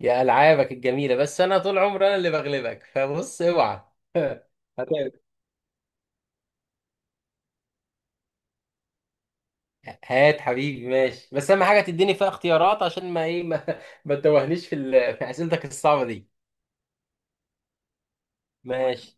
يا ألعابك الجميلة، بس أنا طول عمري أنا اللي بغلبك. فبص اوعى. هات. هات حبيبي ماشي، بس أهم حاجة تديني فيها اختيارات، عشان ما إيه ما, ما تتوهنيش في أسئلتك الصعبة دي. ماشي.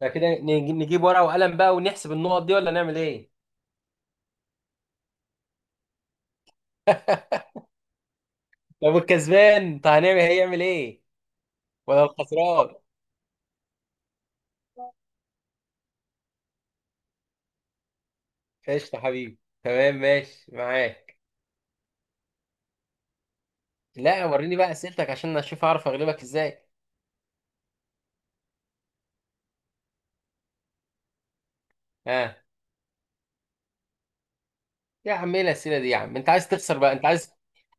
فكده نجيب ورقة وقلم بقى ونحسب النقط دي ولا نعمل إيه؟ طب الكسبان، طب هيعمل إيه؟ ولا الخسران؟ قشطة حبيبي، تمام، ماشي معاك. لا وريني بقى أسئلتك عشان أشوف أعرف أغلبك إزاي. ها. يا عم إيه الأسئلة دي يا عم، أنت عايز تخسر بقى أنت عايز.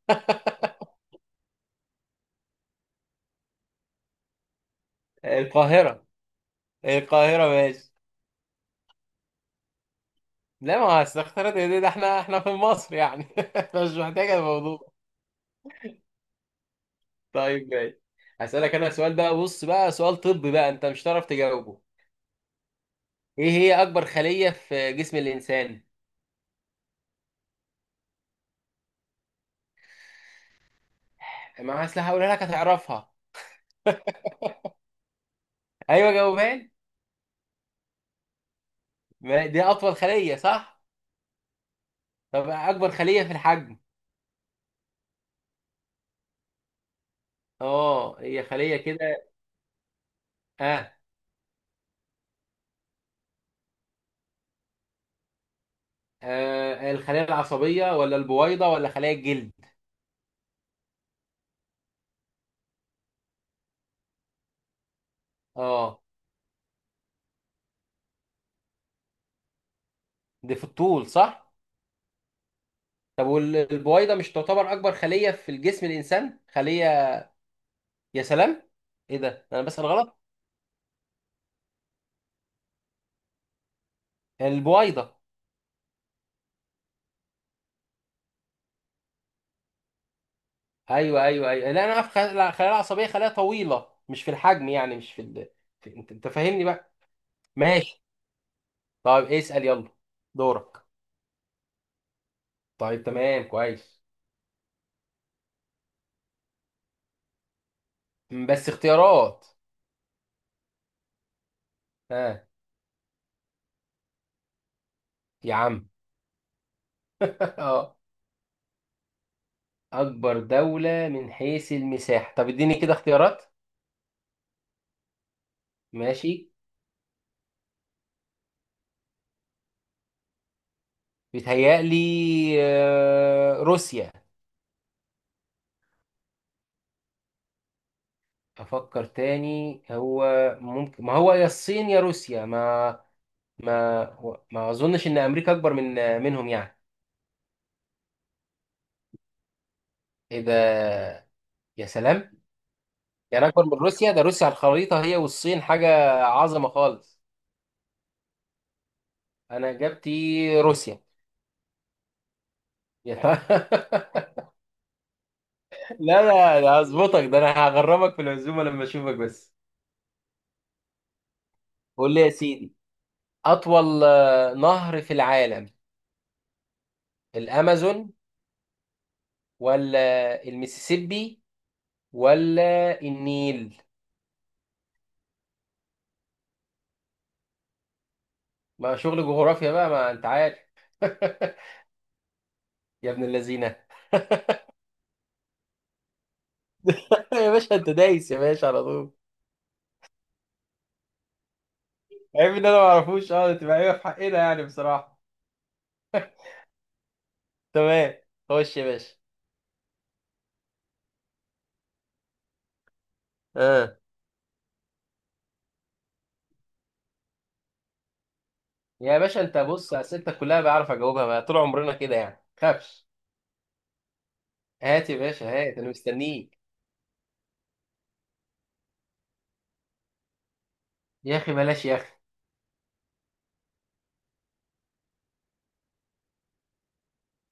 القاهرة. القاهرة ماشي. لا ما هو أصل اختيارات دي، ده احنا في مصر يعني. مش محتاجة الموضوع. طيب ماشي. هسألك أنا سؤال بقى، بص بقى، سؤال طبي بقى أنت مش هتعرف تجاوبه. إيه هي أكبر خلية في جسم الإنسان؟ ما أصل هقولها لك هتعرفها. أيوه جاوبها لي. ما دي أطول خلية صح؟ طب أكبر خلية في الحجم. أه هي خلية كده. آه. آه، الخلية العصبية ولا البويضة ولا خلية الجلد؟ أه. دي في الطول صح؟ طب والبويضه مش تعتبر اكبر خليه في الجسم الانسان خليه. يا سلام. ايه ده انا بسأل غلط. البويضه. ايوه ايوه ايوه، لا انا اعرف خلايا العصبيه، خلايا طويله، مش في الحجم يعني، مش انت فاهمني بقى. ماشي. طيب اسأل يلا. دورك. طيب تمام كويس. بس اختيارات. ها. يا عم. اه. اكبر دولة من حيث المساحة. طب اديني كده اختيارات. ماشي. بيتهيألي. روسيا. افكر تاني هو. ممكن، ما هو يا الصين يا روسيا، ما ما اظنش ان امريكا اكبر من منهم يعني. ايه ده. يا سلام. يعني اكبر من روسيا؟ ده روسيا على الخريطة هي والصين حاجة عظمة خالص. انا اجابتي روسيا. يا لا لا لا، هظبطك. ده انا هغرمك في العزومة لما اشوفك بس. قول لي يا سيدي. اطول نهر في العالم. الامازون. ولا المسيسيبي. ولا النيل. ما شغل جغرافيا بقى ما انت عارف. يا ابن اللذينه. يا باشا انت دايس يا باشا على طول. عيب ان انا ما اعرفوش. اه تبقى عيبه في حقنا يعني بصراحه. تمام. خش يا باشا. اه. يا باشا انت بص اسئلتك كلها بعرف اجاوبها بقى. طول عمرنا كده يعني، خافش. هات يا باشا، هات انا مستنيك. يا اخي بلاش يا اخي.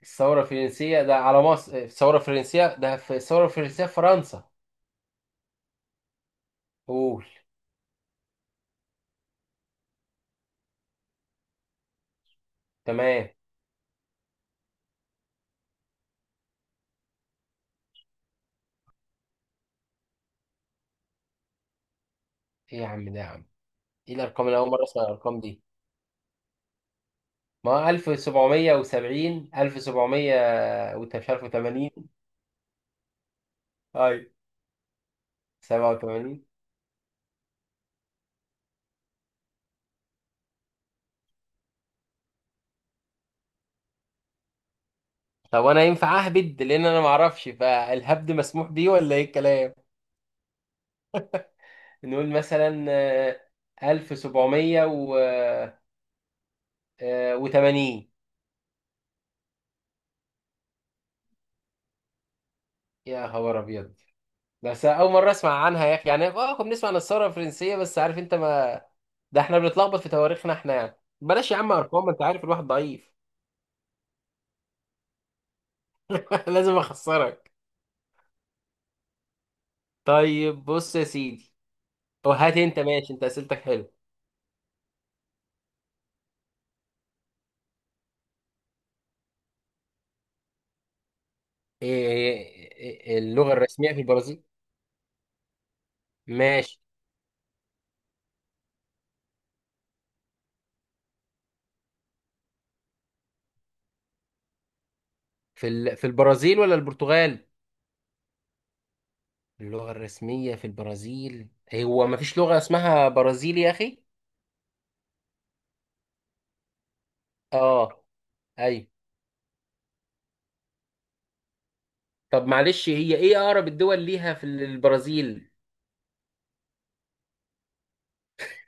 الثوره الفرنسيه ده على مصر؟ الثوره الفرنسيه ده في الثوره الفرنسيه في فرنسا. قول. تمام. ايه يا عم ده يا عم. ايه الارقام اللي اول مره اسمع الارقام دي؟ ما 1770 1700 مش عارف 80 اي 87. طب انا ينفع اهبد، لان انا ما اعرفش، فالهبد مسموح بيه ولا ايه الكلام؟ نقول مثلا 1780. يا خبر ابيض. بس اول مره اسمع عنها يا اخي يعني. اه كنا بنسمع عن الثوره الفرنسيه بس عارف انت ما. ده احنا بنتلخبط في تواريخنا احنا يعني. بلاش يا عم ارقام، ما انت عارف الواحد ضعيف. لازم اخسرك. طيب بص يا سيدي. أو هات انت ماشي، انت اسئلتك حلو. إيه. اللغة الرسمية في البرازيل. ماشي. في البرازيل ولا البرتغال؟ اللغة الرسمية في البرازيل. هو ما فيش لغة اسمها برازيلي يا اخي. اه. ايوه. طب معلش، هي ايه اقرب الدول ليها في البرازيل؟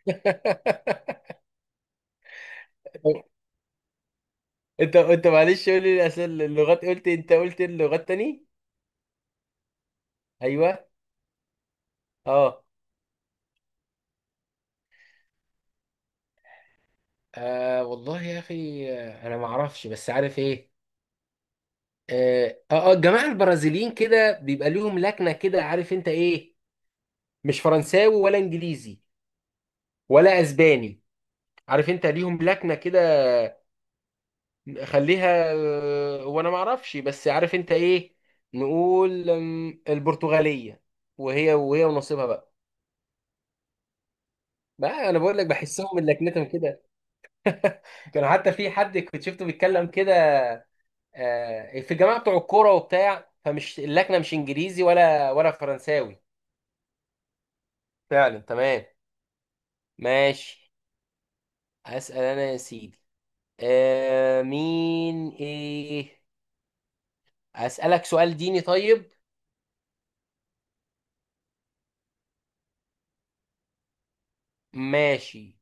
انت معلش قول لي الاسئله، اللغات، قلت انت قلت اللغات تاني. ايوه. اه. آه والله يا اخي، انا ما اعرفش بس عارف ايه. اه اه، الجماعه البرازيليين كده بيبقى ليهم لكنه كده عارف انت ايه. مش فرنساوي ولا انجليزي. ولا اسباني. عارف انت ليهم لكنه كده. خليها، اه وانا ما اعرفش بس عارف انت ايه. نقول البرتغاليه. وهي ونصيبها بقى. بقى انا بقول لك بحسهم من لكنتهم كده. كان حتى في حد كنت شفته بيتكلم كده. في الجماعه بتوع الكوره وبتاع، فمش اللكنه مش انجليزي ولا فرنساوي. فعلا تمام. ماشي. هسأل أنا يا سيدي. مين إيه. أسألك سؤال ديني طيب. ماشي.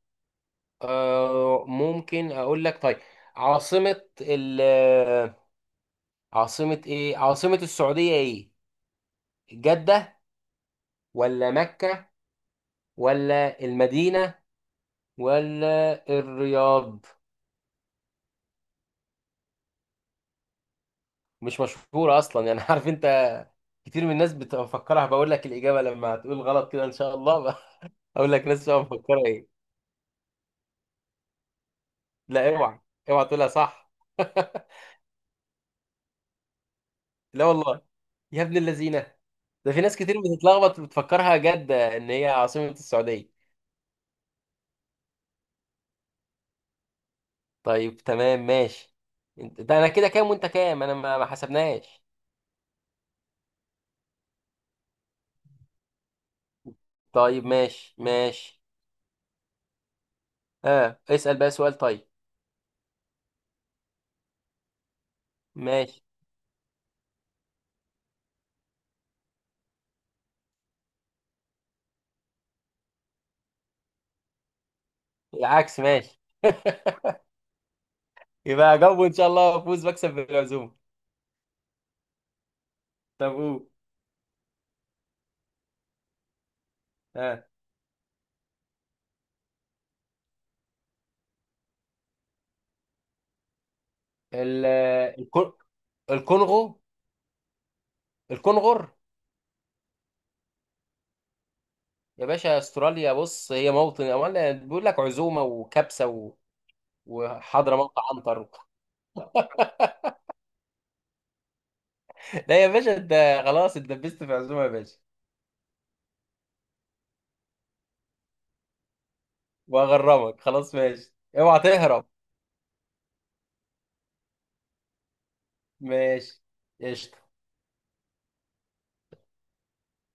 ممكن أقول لك طيب. عاصمة ال آه، عاصمة السعودية إيه؟ جدة. ولا مكة. ولا المدينة. ولا الرياض. مش مشهورة أصلا يعني عارف أنت. كتير من الناس بتفكرها، بقول لك الإجابة لما هتقول غلط كده إن شاء الله. أقول لك ناس بتبقى مفكرة إيه. لا اوعى. اوعى تقولها صح. لا والله. يا ابن اللذينه. ده في ناس كتير بتتلخبط بتفكرها جدة ان هي عاصمة السعودية. طيب تمام ماشي. ده انا كده كام وانت كام؟ انا ما حسبناش. طيب ماشي ماشي. اه اسأل بقى سؤال طيب. ماشي. العكس ماشي. يبقى اجاوبه ان شاء الله وافوز بكسب بالعزومة. طب قول. اه. ال الكون- الكونغو. الكونغر. يا باشا استراليا بص هي موطن، امال بيقول لك عزومه وكبسه وحضرموت عنتر. لا يا باشا انت خلاص اتدبست في عزومه يا باشا. وهغرمك خلاص ماشي، اوعى تهرب. ماشي قشطة.